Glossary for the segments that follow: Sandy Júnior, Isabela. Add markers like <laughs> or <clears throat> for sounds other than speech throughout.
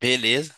Beleza.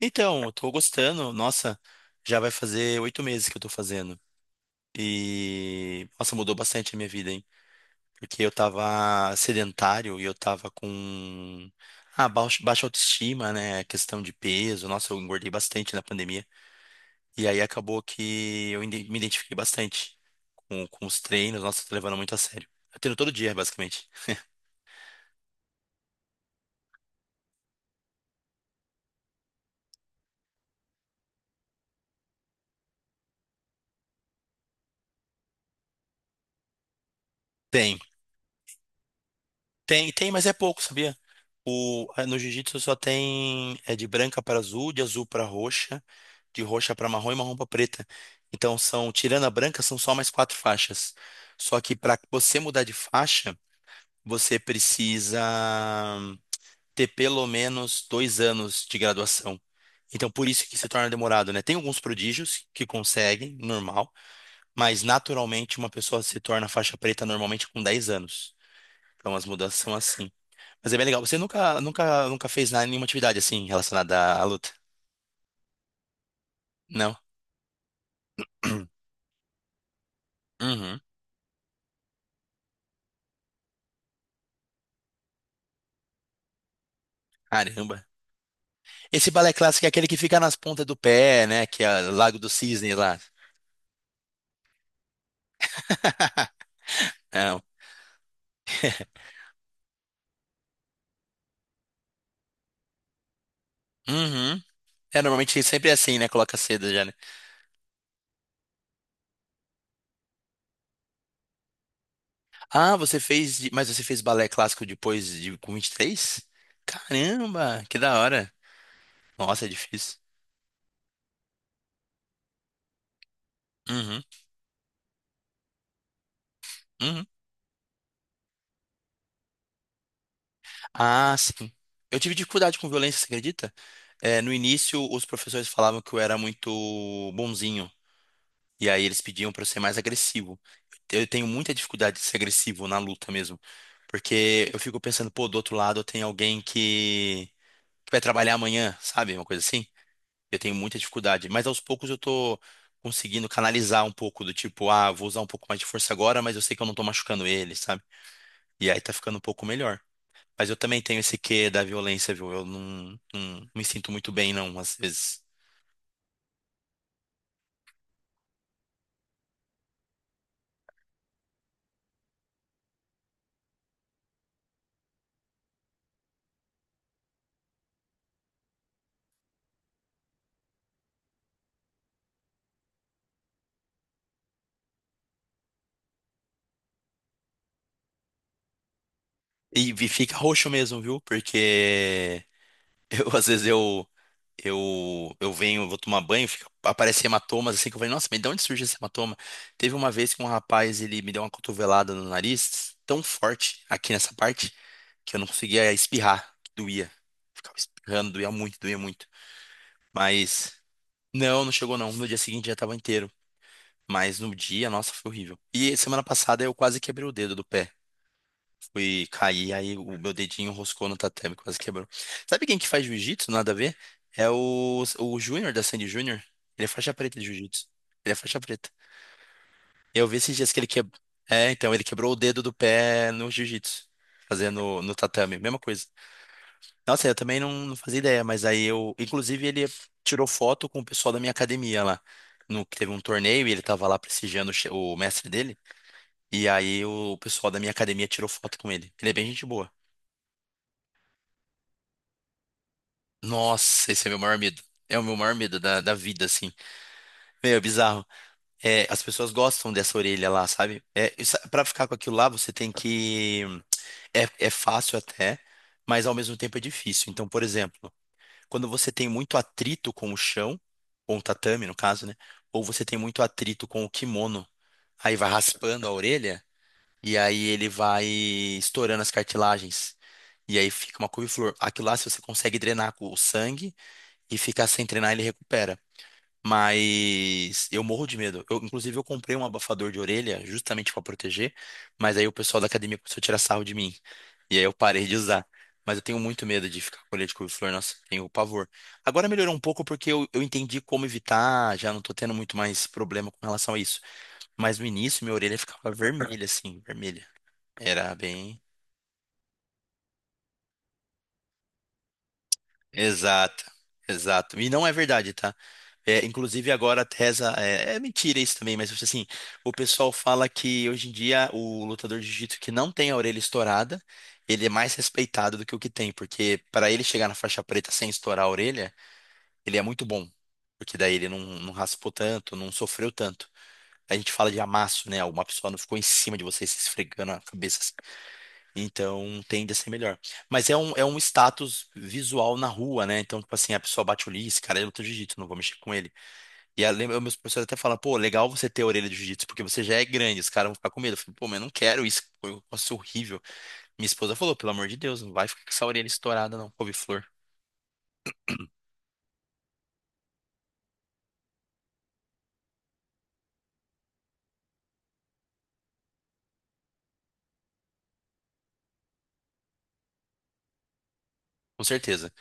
Então, eu tô gostando. Nossa, já vai fazer oito meses que eu tô fazendo. E, nossa, mudou bastante a minha vida, hein? Porque eu tava sedentário e eu tava com baixa autoestima, né? Questão de peso. Nossa, eu engordei bastante na pandemia. E aí acabou que me identifiquei bastante com os treinos. Nossa, eu tô levando muito a sério. Eu treino todo dia, basicamente. Tem. Tem, tem, mas é pouco, sabia? No jiu-jitsu só tem é de branca para azul, de azul para roxa, de roxa para marrom e marrom para preta. Então são, tirando a branca, são só mais quatro faixas. Só que para você mudar de faixa, você precisa ter pelo menos dois anos de graduação. Então por isso que se torna demorado, né? Tem alguns prodígios que conseguem, normal, mas naturalmente uma pessoa se torna faixa preta normalmente com 10 anos. Então as mudanças são assim. Mas é bem legal. Você nunca, nunca, nunca fez nada, nenhuma atividade assim relacionada à luta? Não? <clears throat> Uhum. Caramba. Esse balé clássico é aquele que fica nas pontas do pé, né? Que é o Lago do Cisne lá. <laughs> Não. Uhum. É, normalmente sempre é assim, né? Coloca cedo já, né? Ah, você fez. Mas você fez balé clássico depois de com 23? Caramba, que da hora. Nossa, é difícil. Uhum. Uhum. Ah, sim. Eu tive dificuldade com violência, você acredita? É, no início, os professores falavam que eu era muito bonzinho. E aí eles pediam para eu ser mais agressivo. Eu tenho muita dificuldade de ser agressivo na luta mesmo. Porque eu fico pensando, pô, do outro lado tem alguém que vai trabalhar amanhã, sabe? Uma coisa assim. Eu tenho muita dificuldade. Mas aos poucos eu tô conseguindo canalizar um pouco do tipo, ah, vou usar um pouco mais de força agora, mas eu sei que eu não tô machucando ele, sabe? E aí tá ficando um pouco melhor. Mas eu também tenho esse quê da violência, viu? Eu não, não me sinto muito bem, não, às vezes. E fica roxo mesmo, viu? Porque <laughs> eu, às vezes, eu venho, vou tomar banho, fica, aparece hematomas, assim, que eu falei, nossa, mas de onde surge esse hematoma? Teve uma vez que um rapaz, ele me deu uma cotovelada no nariz, tão forte, aqui nessa parte, que eu não conseguia espirrar, que doía. Ficava espirrando, doía muito, doía muito. Mas, não, não chegou não, no dia seguinte já tava inteiro. Mas no dia, nossa, foi horrível. E semana passada eu quase quebrei o dedo do pé. Fui cair, aí o meu dedinho roscou no tatame, quase quebrou. Sabe quem que faz jiu-jitsu? Nada a ver? É o Júnior da Sandy Júnior. Ele é faixa preta de jiu-jitsu. Ele é faixa preta. Eu vi esses dias que ele quebrou. É, então, ele quebrou o dedo do pé no jiu-jitsu. Fazendo no tatame, mesma coisa. Nossa, eu também não, não fazia ideia, mas aí eu. Inclusive, ele tirou foto com o pessoal da minha academia lá. No, que teve um torneio e ele tava lá prestigiando o mestre dele. E aí o pessoal da minha academia tirou foto com ele. Ele é bem gente boa. Nossa, esse é meu maior medo. É o meu maior medo da vida, assim. Meu, é bizarro. É, as pessoas gostam dessa orelha lá, sabe? É, isso- pra ficar com aquilo lá, você tem que. É, é fácil até, mas ao mesmo tempo é difícil. Então, por exemplo, quando você tem muito atrito com o chão, com o tatame, no caso, né? Ou você tem muito atrito com o kimono, aí vai raspando a orelha. E aí ele vai estourando as cartilagens. E aí fica uma couve-flor. Aquilo lá, se você consegue drenar com o sangue e ficar sem drenar, ele recupera. Mas eu morro de medo. Eu, inclusive, eu comprei um abafador de orelha justamente para proteger, mas aí o pessoal da academia começou a tirar sarro de mim. E aí eu parei de usar. Mas eu tenho muito medo de ficar com orelha de couve-flor. Nossa, tenho pavor. Agora melhorou um pouco porque eu entendi como evitar, já não tô tendo muito mais problema com relação a isso. Mas no início, minha orelha ficava vermelha, assim, vermelha. Era bem. Exato, exato. E não é verdade, tá? É, inclusive agora a tesa é, é mentira isso também, mas tipo assim, o pessoal fala que hoje em dia o lutador de jiu-jitsu que não tem a orelha estourada, ele é mais respeitado do que o que tem, porque para ele chegar na faixa preta sem estourar a orelha, ele é muito bom, porque daí ele não, não raspou tanto, não sofreu tanto. A gente fala de amasso, né? Uma pessoa não ficou em cima de você se esfregando a cabeça. Então tende a ser melhor. Mas é um status visual na rua, né? Então, tipo assim, a pessoa bate o olho, "Ih, esse cara é luta de jiu-jitsu, não vou mexer com ele. E a, lembra- meus professores até falam, pô, legal você ter a orelha de jiu-jitsu, porque você já é grande, os caras vão ficar com medo. Eu falei, pô, mas eu não quero isso, eu posso horrível. Minha esposa falou, pelo amor de Deus, não vai ficar com essa orelha estourada, não, couve-flor. Com certeza.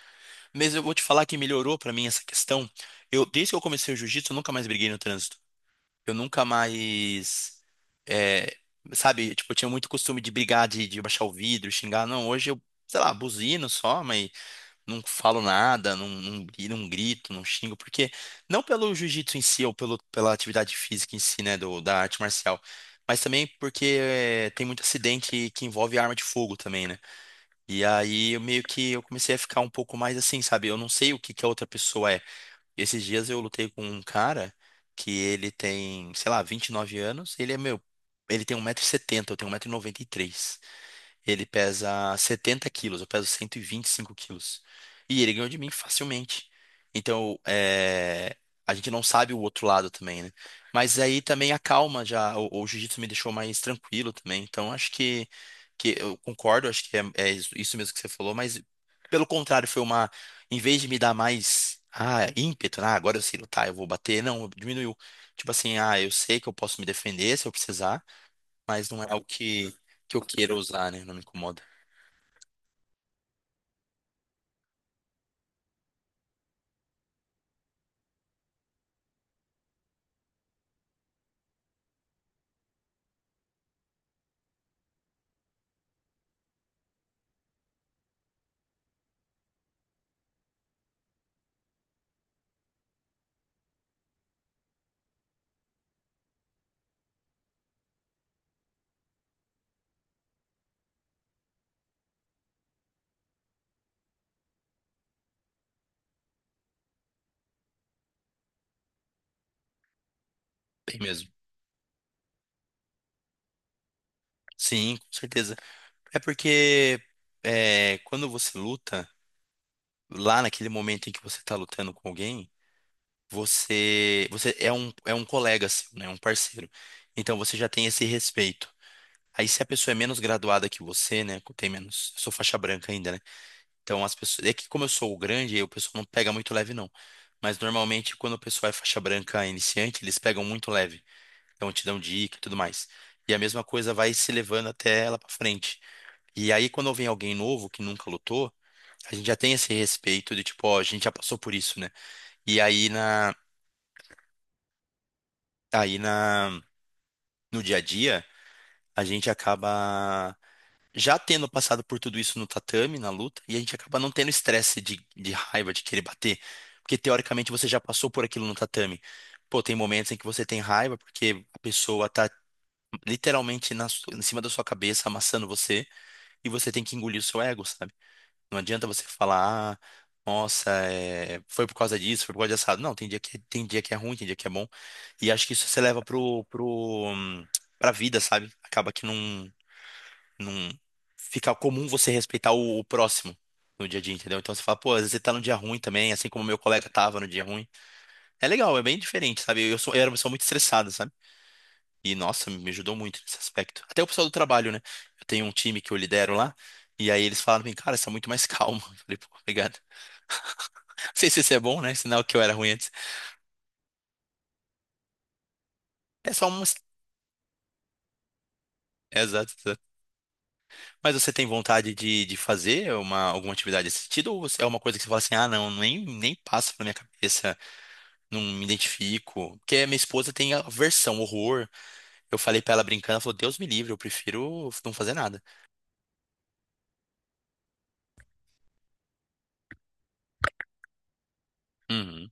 Mas eu vou te falar que melhorou pra mim essa questão. Eu, desde que eu comecei o jiu-jitsu, eu nunca mais briguei no trânsito. Eu nunca mais, é, sabe, tipo, eu tinha muito costume de brigar, de baixar o vidro, xingar. Não, hoje eu, sei lá, buzino só, mas não falo nada, não, não grito, não xingo, porque não pelo jiu-jitsu em si ou pelo, pela atividade física em si, né, da arte marcial, mas também porque é, tem muito acidente que envolve arma de fogo também, né? E aí eu meio que eu comecei a ficar um pouco mais assim, sabe? Eu não sei o que que a outra pessoa é. E esses dias eu lutei com um cara que ele tem, sei lá, 29 anos. Ele é meu. Ele tem um 170 setenta, eu tenho um metro e noventa e três, ele pesa 70 quilos, eu peso cento e vinte e cinco quilos. E ele ganhou de mim facilmente. Então, é, a gente não sabe o outro lado também, né? Mas aí também a calma já, o jiu-jitsu me deixou mais tranquilo também. Então, acho que eu concordo, acho que é, é isso mesmo que você falou, mas pelo contrário, foi uma, em vez de me dar mais, ah, ímpeto, ah, agora eu sei lutar, eu vou bater, não, diminuiu. Tipo assim, ah, eu sei que eu posso me defender se eu precisar, mas não é algo que eu queira usar, né? Não me incomoda. Bem mesmo. Sim, com certeza. É porque é, quando você luta, lá naquele momento em que você tá lutando com alguém, você, é um colega seu, né? Um parceiro. Então você já tem esse respeito. Aí se a pessoa é menos graduada que você, né? Tem menos. Eu sou faixa branca ainda, né? Então as pessoas. É que como eu sou o grande, o pessoal não pega muito leve, não. Mas normalmente quando o pessoal é faixa branca iniciante, eles pegam muito leve. Então te dão dica e tudo mais. E a mesma coisa vai se levando até ela pra frente. E aí quando vem alguém novo que nunca lutou, a gente já tem esse respeito de tipo, ó, a gente já passou por isso, né? E aí na No dia a dia, a gente acaba já tendo passado por tudo isso no tatame, na luta, e a gente acaba não tendo estresse de raiva, de querer bater, porque teoricamente você já passou por aquilo no tatame. Pô, tem momentos em que você tem raiva porque a pessoa tá literalmente em cima da sua cabeça, amassando você, e você tem que engolir o seu ego, sabe? Não adianta você falar, ah, nossa, é, foi por causa disso, foi por causa disso. Não, tem dia que é ruim, tem dia que é bom. E acho que isso você leva pro, hum, pra vida, sabe? Acaba que não, não fica comum você respeitar o próximo no dia a dia, entendeu? Então você fala, pô, às vezes você tá num dia ruim também, assim como meu colega tava no dia ruim. É legal, é bem diferente, sabe? Eu sou, eu era uma pessoa muito estressada, sabe? E, nossa, me ajudou muito nesse aspecto. Até o pessoal do trabalho, né? Eu tenho um time que eu lidero lá, e aí eles falaram pra mim, cara, você é muito mais calmo. <laughs> Eu falei, pô, obrigado. Não sei se isso é bom, né? Sinal que eu era ruim antes. É só um. É, exato, exato. Mas você tem vontade de fazer uma, alguma atividade desse sentido? Ou você- é uma coisa que você fala assim, ah, não, nem, nem passa pela minha cabeça, não me identifico? Porque a minha esposa tem aversão, horror. Eu falei pra ela brincando, ela falou, Deus me livre, eu prefiro não fazer nada. Uhum.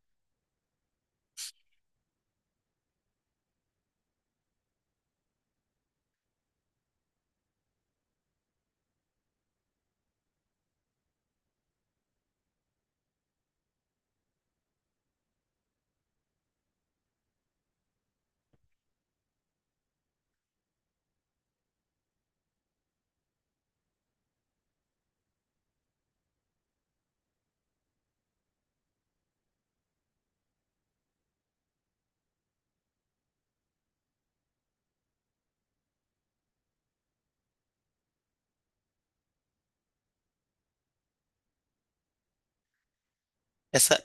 Essa.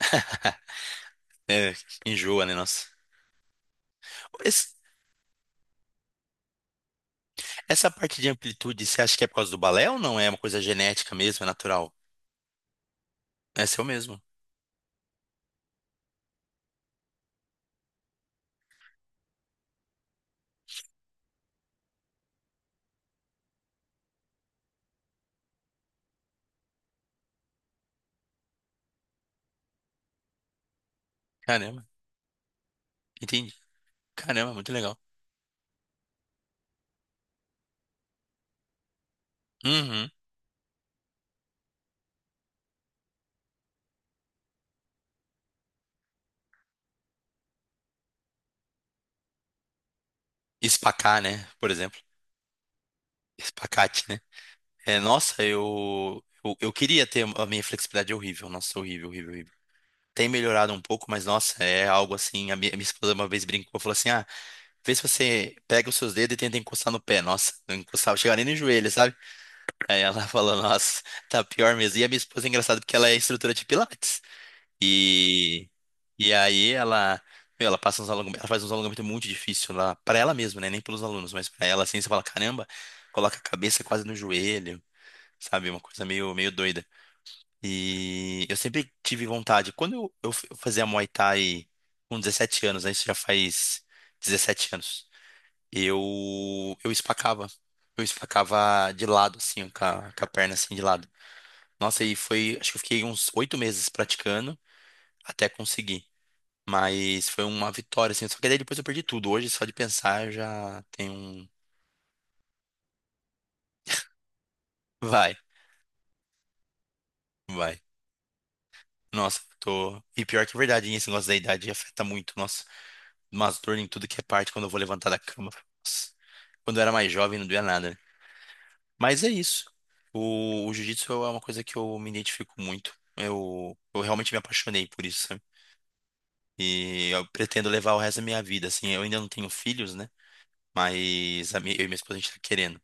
<laughs> É, enjoa, né, nossa? Esse- Essa parte de amplitude, você acha que é por causa do balé ou não? É uma coisa genética mesmo, é natural? É seu mesmo. Caramba, entendi. Caramba, muito legal. Uhum. Espacar, né? Por exemplo. Espacate, né? É, nossa, eu queria ter a minha flexibilidade é horrível. Nossa, horrível, horrível, horrível. Tem melhorado um pouco, mas nossa, é algo assim. Minha esposa uma vez brincou, falou assim: ah, vê se você pega os seus dedos e tenta encostar no pé. Nossa, não encostava, chegava nem no joelho, sabe? Aí ela <laughs> falou: nossa, tá pior mesmo. E a minha esposa é engraçada porque ela é instrutora de Pilates. E, e aí ela, meu, ela passa uns alongamento, ela faz uns alongamentos muito difícil lá, para ela mesma, né? Nem pelos alunos, mas para ela assim, você fala, caramba, coloca a cabeça quase no joelho, sabe? Uma coisa meio, meio doida. E eu sempre tive vontade. Quando eu, eu fazia Muay Thai com 17 anos, né? Isso já faz 17 anos. Eu espacava. Eu espacava de lado, assim, com a perna assim de lado. Nossa, e foi, acho que eu fiquei uns oito meses praticando até conseguir. Mas foi uma vitória, assim. Só que daí depois eu perdi tudo. Hoje, só de pensar, eu já tem um. Vai, vai. Nossa, tô. E pior que é verdade, esse negócio da idade afeta muito. Nossa, umas dor em tudo que é parte quando eu vou levantar da cama. Nossa. Quando eu era mais jovem, não doía nada, né? Mas é isso. O jiu-jitsu é uma coisa que eu me identifico muito. Eu realmente me apaixonei por isso, sabe? E eu pretendo levar o resto da minha vida, assim. Eu ainda não tenho filhos, né? Mas a minha, eu e minha esposa, a gente tá querendo.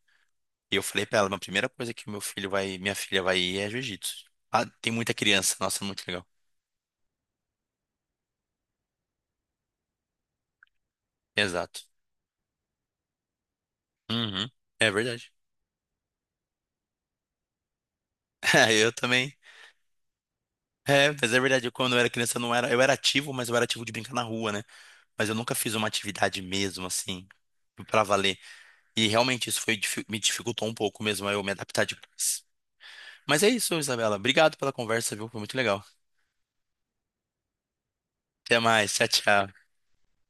E eu falei pra ela, a primeira coisa que o meu filho vai, minha filha vai ir é jiu-jitsu. Ah, tem muita criança, nossa, muito legal. Exato. Uhum. É verdade. <laughs> Eu também. É, mas é verdade, eu, quando eu era criança eu não era, eu era ativo, mas eu era ativo de brincar na rua, né? Mas eu nunca fiz uma atividade mesmo assim pra valer. E realmente isso me dificultou um pouco mesmo aí eu me adaptar depois. Mas é isso, Isabela. Obrigado pela conversa, viu? Foi muito legal. Até mais. Tchau, tchau.